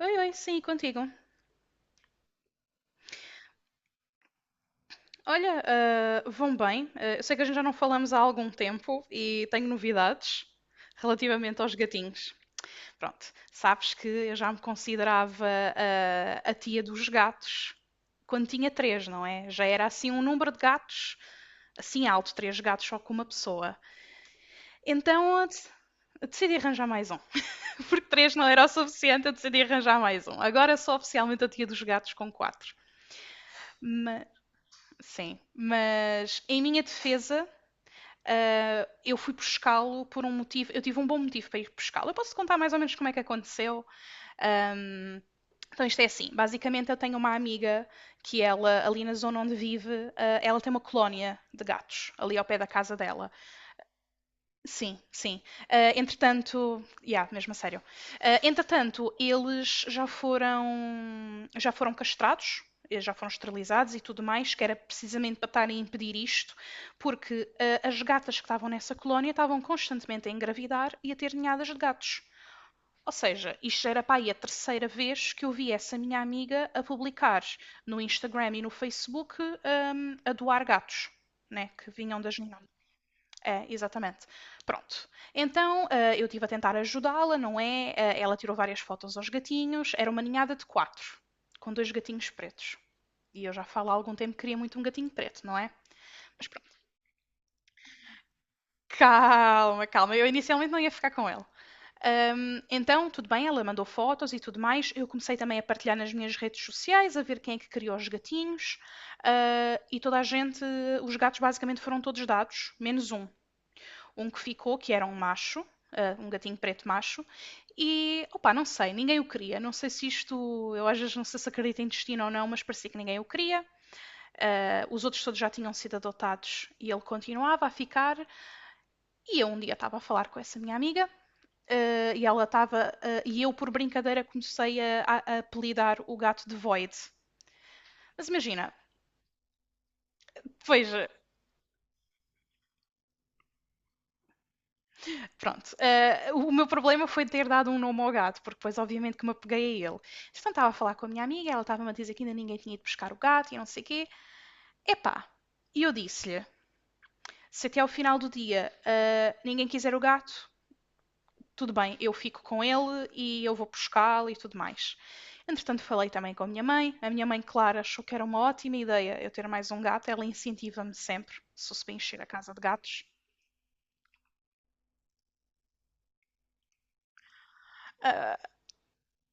Oi, oi, sim, contigo. Olha, vão bem. Eu sei que a gente já não falamos há algum tempo e tenho novidades relativamente aos gatinhos. Pronto, sabes que eu já me considerava a tia dos gatos quando tinha três, não é? Já era assim um número de gatos, assim alto, três gatos só com uma pessoa. Então eu decidi arranjar mais um. Porque três não era o suficiente, eu decidi arranjar mais um. Agora sou oficialmente a tia dos gatos com quatro. Sim, mas em minha defesa, eu fui pescá-lo por um motivo, eu tive um bom motivo para ir pescá-lo. Eu posso contar mais ou menos como é que aconteceu. Então isto é assim, basicamente eu tenho uma amiga que ela, ali na zona onde vive, ela tem uma colónia de gatos, ali ao pé da casa dela. Sim, sim. Entretanto, yeah, mesmo a sério. Entretanto, eles já foram castrados, já foram esterilizados e tudo mais, que era precisamente para estarem a impedir isto, porque as gatas que estavam nessa colónia estavam constantemente a engravidar e a ter ninhadas de gatos. Ou seja, isto já era para aí a terceira vez que eu vi essa minha amiga a publicar no Instagram e no Facebook, a doar gatos, né, que vinham das ninhadas. É, exatamente. Pronto. Então, eu estive a tentar ajudá-la, não é? Ela tirou várias fotos aos gatinhos. Era uma ninhada de quatro, com dois gatinhos pretos. E eu já falo há algum tempo que queria muito um gatinho preto, não é? Mas pronto. Calma, calma. Eu inicialmente não ia ficar com ele. Então, tudo bem, ela mandou fotos e tudo mais. Eu comecei também a partilhar nas minhas redes sociais, a ver quem é que criou os gatinhos. E toda a gente, os gatos basicamente foram todos dados, menos um. Um que ficou, que era um macho, um gatinho preto macho, e opá, não sei, ninguém o queria. Não sei se isto, eu às vezes não sei se acredito em destino ou não, mas parecia que ninguém o queria. Os outros todos já tinham sido adotados e ele continuava a ficar. E eu um dia estava a falar com essa minha amiga. E ela estava, e eu por brincadeira comecei a apelidar o gato de Void. Mas imagina, veja. Pronto, o meu problema foi ter dado um nome ao gato, porque depois obviamente que me apeguei a ele. Então estava a falar com a minha amiga, ela estava-me a dizer que ainda ninguém tinha ido buscar o gato e não sei o quê. Epá, e eu disse-lhe, se até ao final do dia ninguém quiser o gato, tudo bem, eu fico com ele e eu vou buscá-lo e tudo mais. Entretanto, falei também com a minha mãe. A minha mãe, Clara, achou que era uma ótima ideia eu ter mais um gato. Ela incentiva-me sempre, se eu se bem encher a casa de gatos.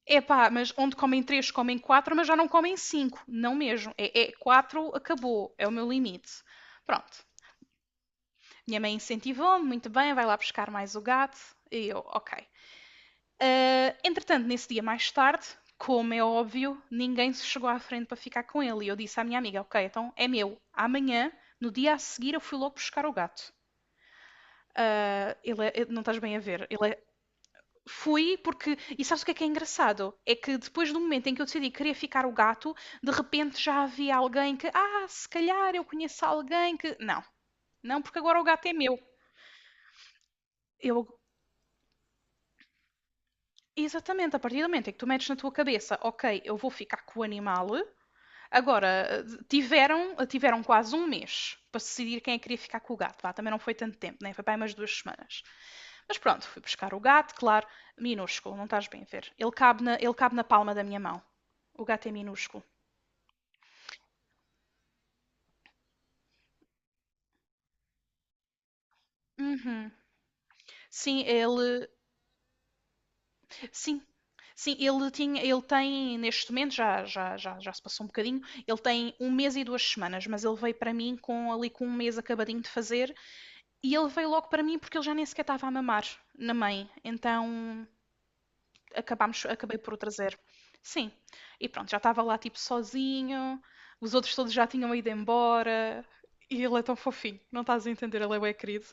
Epá, mas onde comem três, comem quatro, mas já não comem cinco. Não mesmo. É quatro, acabou. É o meu limite. Pronto. Minha mãe incentivou-me, muito bem, vai lá buscar mais o gato. E eu, ok. Entretanto, nesse dia mais tarde, como é óbvio, ninguém se chegou à frente para ficar com ele. E eu disse à minha amiga, ok, então é meu. Amanhã, no dia a seguir, eu fui logo buscar o gato. Ele é, não estás bem a ver, ele é. Fui porque. E sabes o que é engraçado? É que depois do momento em que eu decidi que queria ficar o gato, de repente já havia alguém que. Se calhar eu conheço alguém que. Não, não, porque agora o gato é meu. Eu. Exatamente, a partir do momento em que tu metes na tua cabeça, ok, eu vou ficar com o animal. Agora, tiveram quase um mês para decidir quem é que queria ficar com o gato. Vá, também não foi tanto tempo, né? Foi para aí umas 2 semanas. Mas pronto, fui buscar o gato, claro, minúsculo, não estás bem a ver. Ele cabe na palma da minha mão. O gato é minúsculo. Uhum. Sim, ele. Sim. Sim, ele tinha, ele tem, neste momento, já se passou um bocadinho, ele tem um mês e 2 semanas, mas ele veio para mim com um mês acabadinho de fazer, e ele veio logo para mim porque ele já nem sequer estava a mamar na mãe. Então, acabámos, acabei por o trazer. Sim. E pronto, já estava lá tipo sozinho, os outros todos já tinham ido embora. E ele é tão fofinho, não estás a entender, ele é bem querido.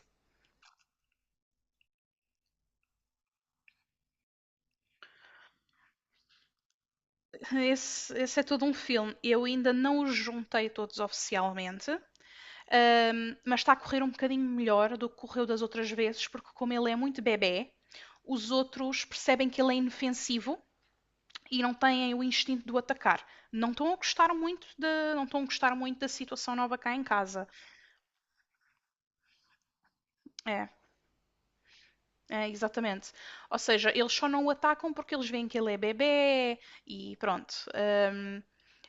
Esse é todo um filme. Eu ainda não os juntei todos oficialmente, mas está a correr um bocadinho melhor do que correu das outras vezes, porque como ele é muito bebê, os outros percebem que ele é inofensivo e não têm o instinto de o atacar. Não estão a gostar muito da, não estão a gostar muito da situação nova cá em casa. É. É, exatamente. Ou seja, eles só não o atacam porque eles veem que ele é bebê e pronto.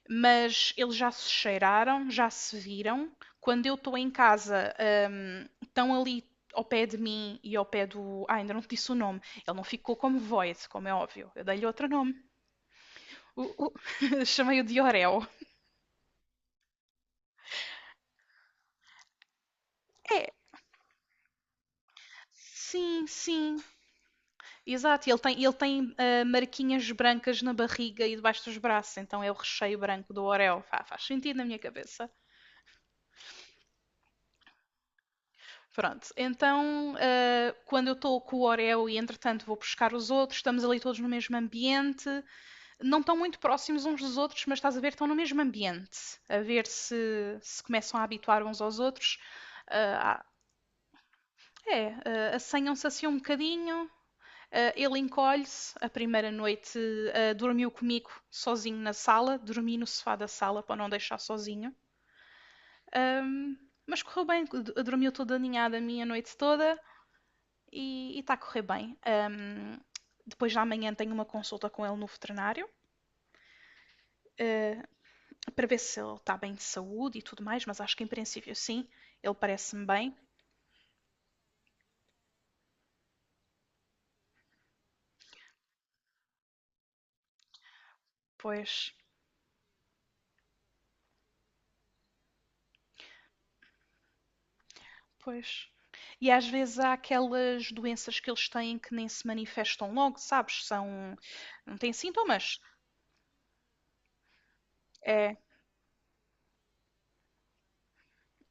Mas eles já se cheiraram, já se viram. Quando eu estou em casa, estão ali ao pé de mim e ao pé do. Ainda não te disse o nome. Ele não ficou como Void, como é óbvio. Eu dei-lhe outro nome. O- o- Chamei-o de Orel. É, sim, sim. Exato. Ele tem marquinhas brancas na barriga e debaixo dos braços, então é o recheio branco do Orel. Faz sentido na minha cabeça. Pronto, então quando eu estou com o Oreo e entretanto vou buscar os outros, estamos ali todos no mesmo ambiente, não estão muito próximos uns dos outros, mas estás a ver, estão no mesmo ambiente, a ver se começam a habituar uns aos outros. É, assanham-se assim um bocadinho, ele encolhe-se. A primeira noite dormiu comigo sozinho na sala, dormi no sofá da sala para não deixar sozinho. Ahm, mas correu bem, dormiu toda aninhada a minha noite toda. E está a correr bem. Depois de amanhã tenho uma consulta com ele no veterinário para ver se ele está bem de saúde e tudo mais, mas acho que em princípio sim, ele parece-me bem, pois, pois. E às vezes há aquelas doenças que eles têm que nem se manifestam logo, sabes? São, não têm sintomas. É,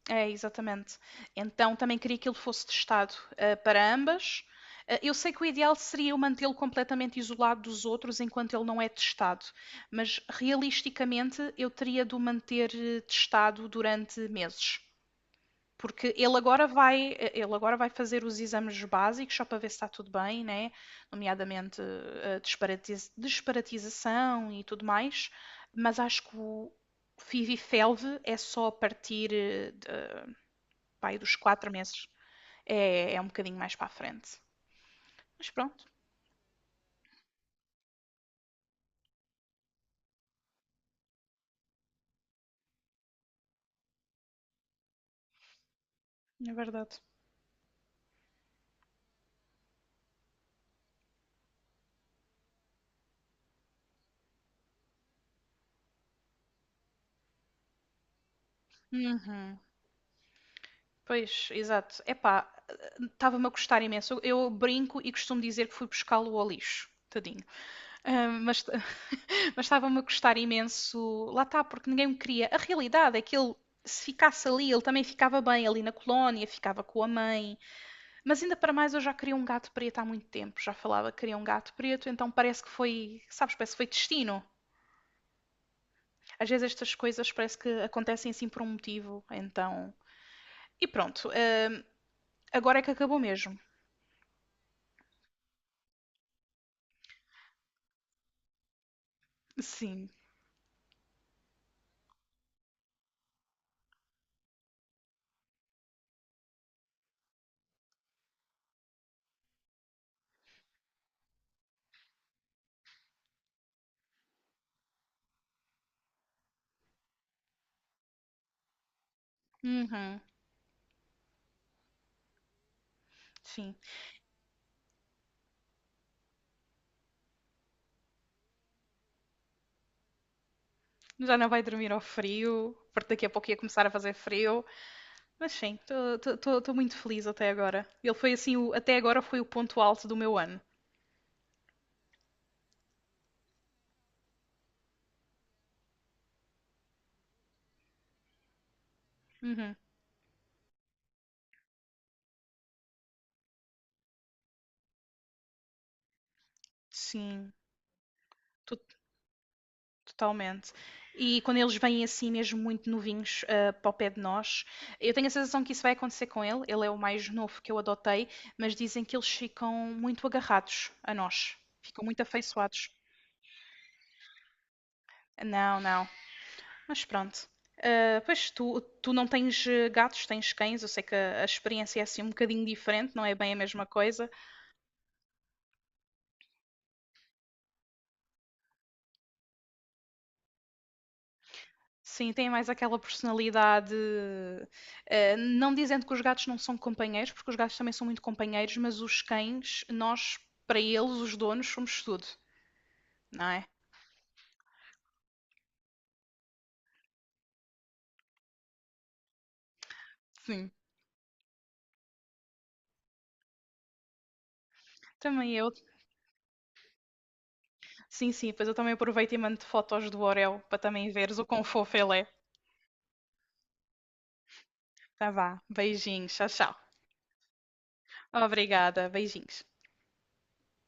É, exatamente. Então também queria que ele fosse testado, para ambas. Eu sei que o ideal seria eu mantê-lo completamente isolado dos outros enquanto ele não é testado, mas realisticamente eu teria de o manter testado durante meses. Porque ele agora vai fazer os exames básicos só para ver se está tudo bem, né? Nomeadamente a disparatização e tudo mais, mas acho que o FIV-FeLV é só a partir pai dos 4 meses. É um bocadinho mais para a frente. Mas pronto, é verdade. Uhum. Pois, exato. Epá, estava-me a custar imenso. Eu brinco e costumo dizer que fui buscá-lo ao lixo. Tadinho. Mas mas estava-me a custar imenso. Lá está, porque ninguém me queria. A realidade é que ele, se ficasse ali, ele também ficava bem ali na colónia, ficava com a mãe. Mas ainda para mais, eu já queria um gato preto há muito tempo. Já falava que queria um gato preto, então parece que foi, sabes, parece que foi destino. Às vezes estas coisas parece que acontecem assim por um motivo, então. E pronto, agora é que acabou mesmo. Sim. Uhum, sim. Já não vai dormir ao frio, porque daqui a pouco ia começar a fazer frio. Mas sim, estou muito feliz até agora. Ele foi assim, até agora foi o ponto alto do meu ano. Uhum, sim. Tô Totalmente. E quando eles vêm assim, mesmo muito novinhos, para o pé de nós, eu tenho a sensação que isso vai acontecer com ele. Ele é o mais novo que eu adotei, mas dizem que eles ficam muito agarrados a nós, ficam muito afeiçoados. Não, não. Mas pronto. Pois tu não tens gatos, tens cães. Eu sei que a experiência é assim um bocadinho diferente, não é bem a mesma coisa. Sim, tem mais aquela personalidade. Não dizendo que os gatos não são companheiros, porque os gatos também são muito companheiros, mas os cães, nós, para eles, os donos, somos tudo, não é? Sim. Também eu. Sim, sim, pois eu também aproveito e mando fotos do Orel para também veres o quão fofo ele é. Tá vá. Beijinhos. Tchau, tchau. Obrigada. Beijinhos.